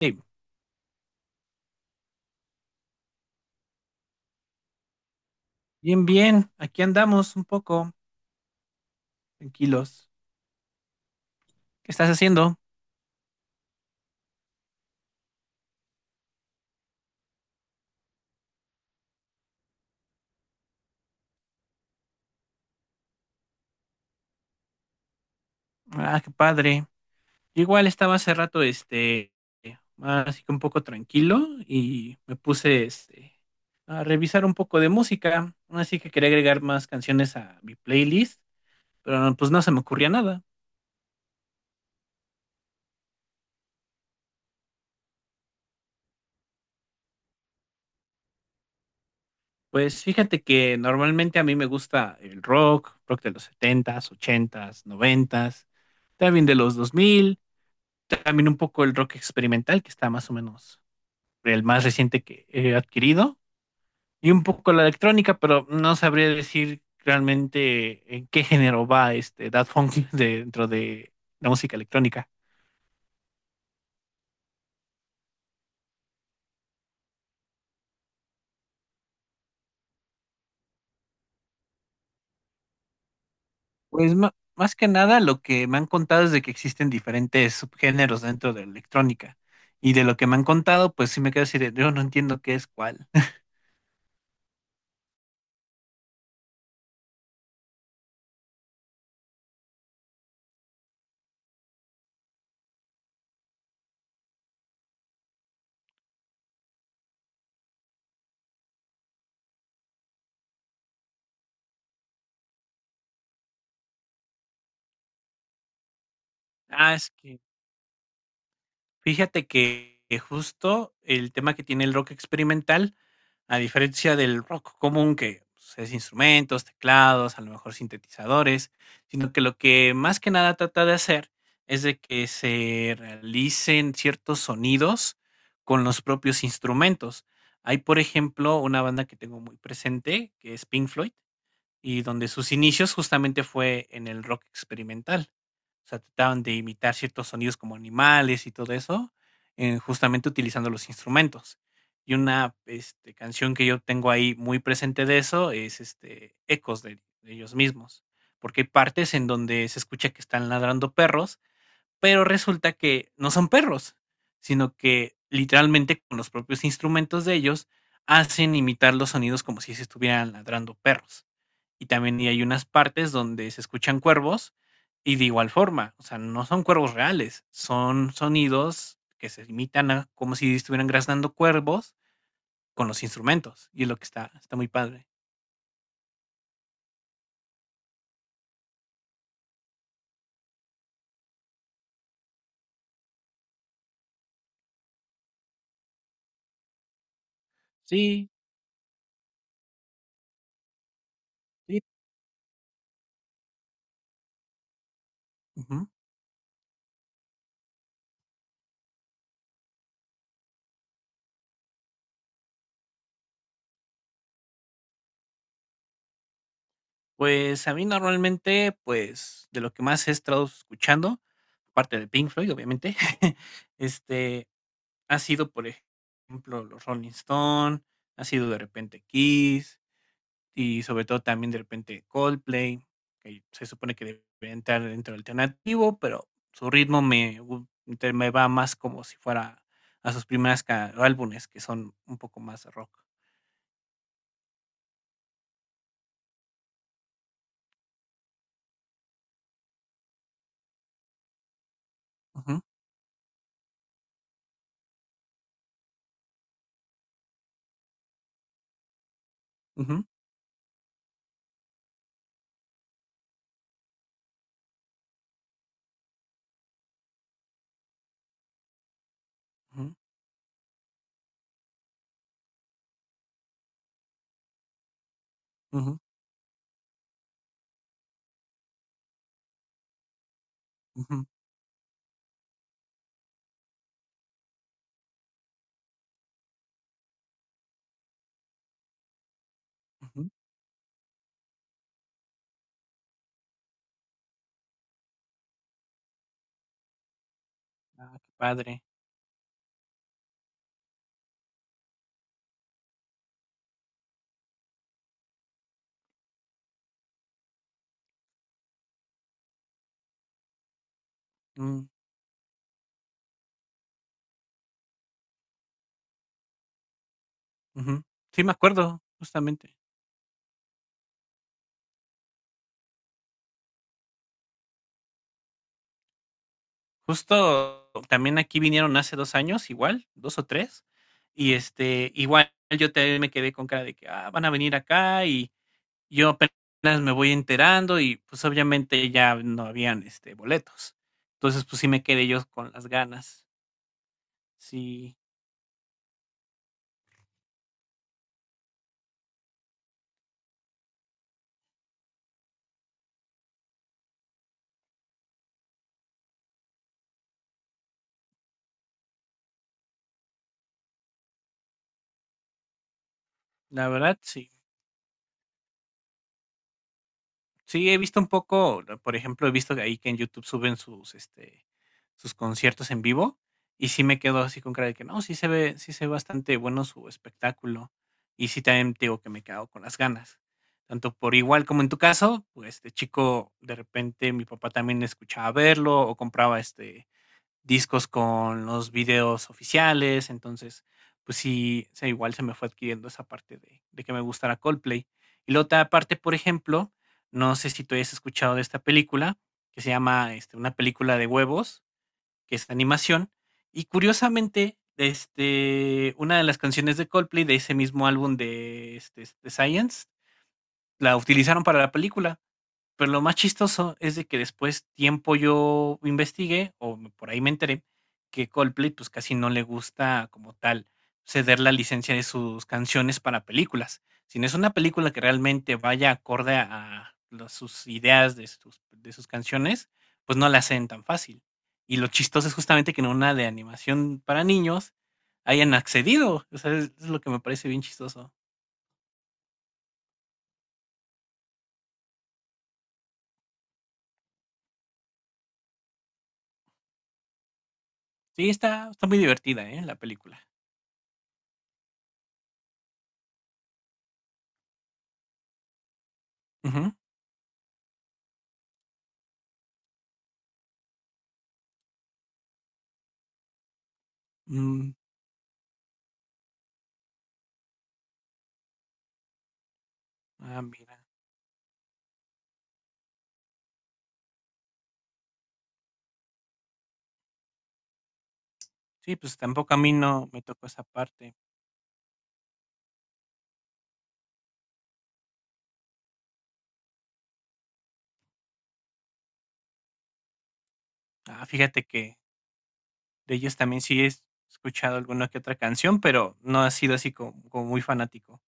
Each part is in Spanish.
Sí, bien, bien. Aquí andamos un poco tranquilos. ¿Qué estás haciendo? Ah, qué padre. Yo igual estaba hace rato, más así que un poco tranquilo y me puse, a revisar un poco de música. Así que quería agregar más canciones a mi playlist, pero no, pues no se me ocurría nada. Pues fíjate que normalmente a mí me gusta el rock, rock de los setentas, ochentas, noventas, también de los 2000, también un poco el rock experimental que está más o menos el más reciente que he adquirido, y un poco la electrónica, pero no sabría decir realmente en qué género va Daft Punk dentro de la música electrónica. Pues más que nada lo que me han contado es de que existen diferentes subgéneros dentro de la electrónica. Y de lo que me han contado, pues sí me quedo así de, yo no entiendo qué es cuál. Ah, es que. Fíjate que justo el tema que tiene el rock experimental, a diferencia del rock común que, pues, es instrumentos, teclados, a lo mejor sintetizadores, sino que lo que más que nada trata de hacer es de que se realicen ciertos sonidos con los propios instrumentos. Hay, por ejemplo, una banda que tengo muy presente, que es Pink Floyd. Y donde sus inicios justamente fue en el rock experimental. O sea, trataban de imitar ciertos sonidos como animales y todo eso, justamente utilizando los instrumentos. Y una canción que yo tengo ahí muy presente de eso es Ecos, de ellos mismos, porque hay partes en donde se escucha que están ladrando perros, pero resulta que no son perros, sino que literalmente con los propios instrumentos de ellos hacen imitar los sonidos como si se estuvieran ladrando perros. Y también hay unas partes donde se escuchan cuervos y de igual forma, o sea, no son cuervos reales, son sonidos que se imitan a como si estuvieran graznando cuervos con los instrumentos y es lo que está, está muy padre. Sí, sí. Ujú. Pues a mí normalmente, pues, de lo que más he estado escuchando, aparte de Pink Floyd, obviamente, este, ha sido, por ejemplo, los Rolling Stone, ha sido de repente Kiss y sobre todo también de repente Coldplay, que se supone que debería entrar dentro del alternativo, pero su ritmo me gu te me va más como si fuera a sus primeras ca álbumes, que son un poco más rock. Ujú, ujú, ujú, ujú, ujú, ujú. Ah, qué padre. Mm. Ujú. Sí, me acuerdo, justamente. Justo también aquí vinieron hace 2 años, igual, 2 o 3, y, igual yo también me quedé con cara de que, ah, van a venir acá y yo apenas me voy enterando y, pues, obviamente ya no habían, boletos. Entonces, pues, sí me quedé yo con las ganas. Sí, la verdad, sí. Sí, he visto un poco, ¿no? Por ejemplo, he visto que ahí que en YouTube suben sus, sus conciertos en vivo y sí me quedo así con cara de que no, sí se ve bastante bueno su espectáculo, y sí también te digo que me quedo con las ganas. Tanto por igual como en tu caso, pues este chico, de repente mi papá también escuchaba verlo o compraba discos con los videos oficiales, entonces pues sí, igual se me fue adquiriendo esa parte de que me gustara Coldplay. Y la otra parte, por ejemplo, no sé si tú hayas escuchado de esta película, que se llama, Una película de huevos, que es animación, y curiosamente, una de las canciones de Coldplay de ese mismo álbum de, de Science, la utilizaron para la película. Pero lo más chistoso es de que después tiempo yo investigué, por ahí me enteré, que Coldplay pues casi no le gusta como tal ceder la licencia de sus canciones para películas. Si no es una película que realmente vaya acorde a los- sus ideas de sus canciones, pues no la hacen tan fácil. Y lo chistoso es justamente que en una de animación para niños hayan accedido. O sea, es lo que me parece bien chistoso. Sí, está, está muy divertida, ¿eh? La película. Ujú. Mm, ah, mira. Sí, pues tampoco a mí no me tocó esa parte. Ah, fíjate que de ellos también sí he escuchado alguna que otra canción, pero no ha sido así como, como muy fanático.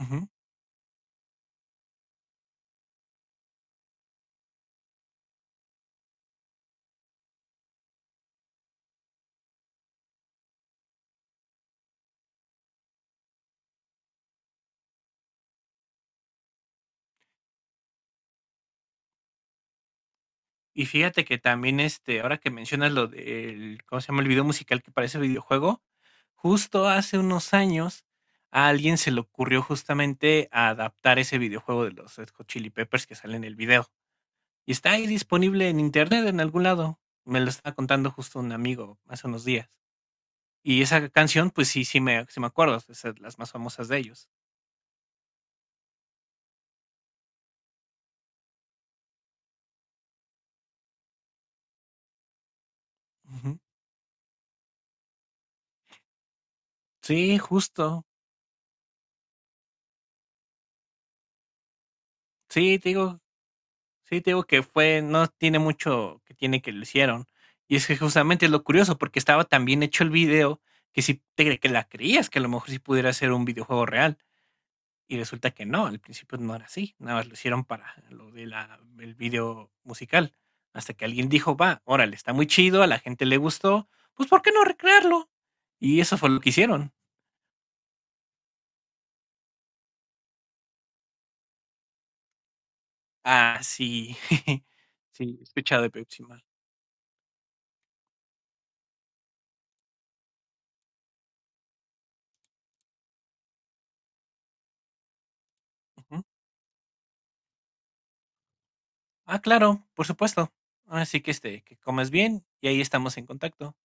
Ujú. Y fíjate que también, ahora que mencionas lo del, ¿cómo se llama? El video musical que parece videojuego, justo hace unos años a alguien se le ocurrió justamente adaptar ese videojuego de los Red Hot Chili Peppers que sale en el video. Y está ahí disponible en internet en algún lado. Me lo estaba contando justo un amigo hace unos días. Y esa canción, pues sí, sí me acuerdo, es de las más famosas de ellos. Ujú. Sí, justo. Sí, te digo, sí, te digo que fue, no tiene mucho que tiene que lo hicieron. Y es que justamente es lo curioso, porque estaba tan bien hecho el video que si que la creías que a lo mejor sí pudiera ser un videojuego real. Y resulta que no, al principio no era así, nada más lo hicieron para lo de la el video musical. Hasta que alguien dijo: "Va, órale, está muy chido, a la gente le gustó, pues, ¿por qué no recrearlo?". Y eso fue lo que hicieron. Ah, sí. Sí, he escuchado de Pepsi Man. Ujú. Ah, claro, por supuesto. Así que, que comas bien y ahí estamos en contacto.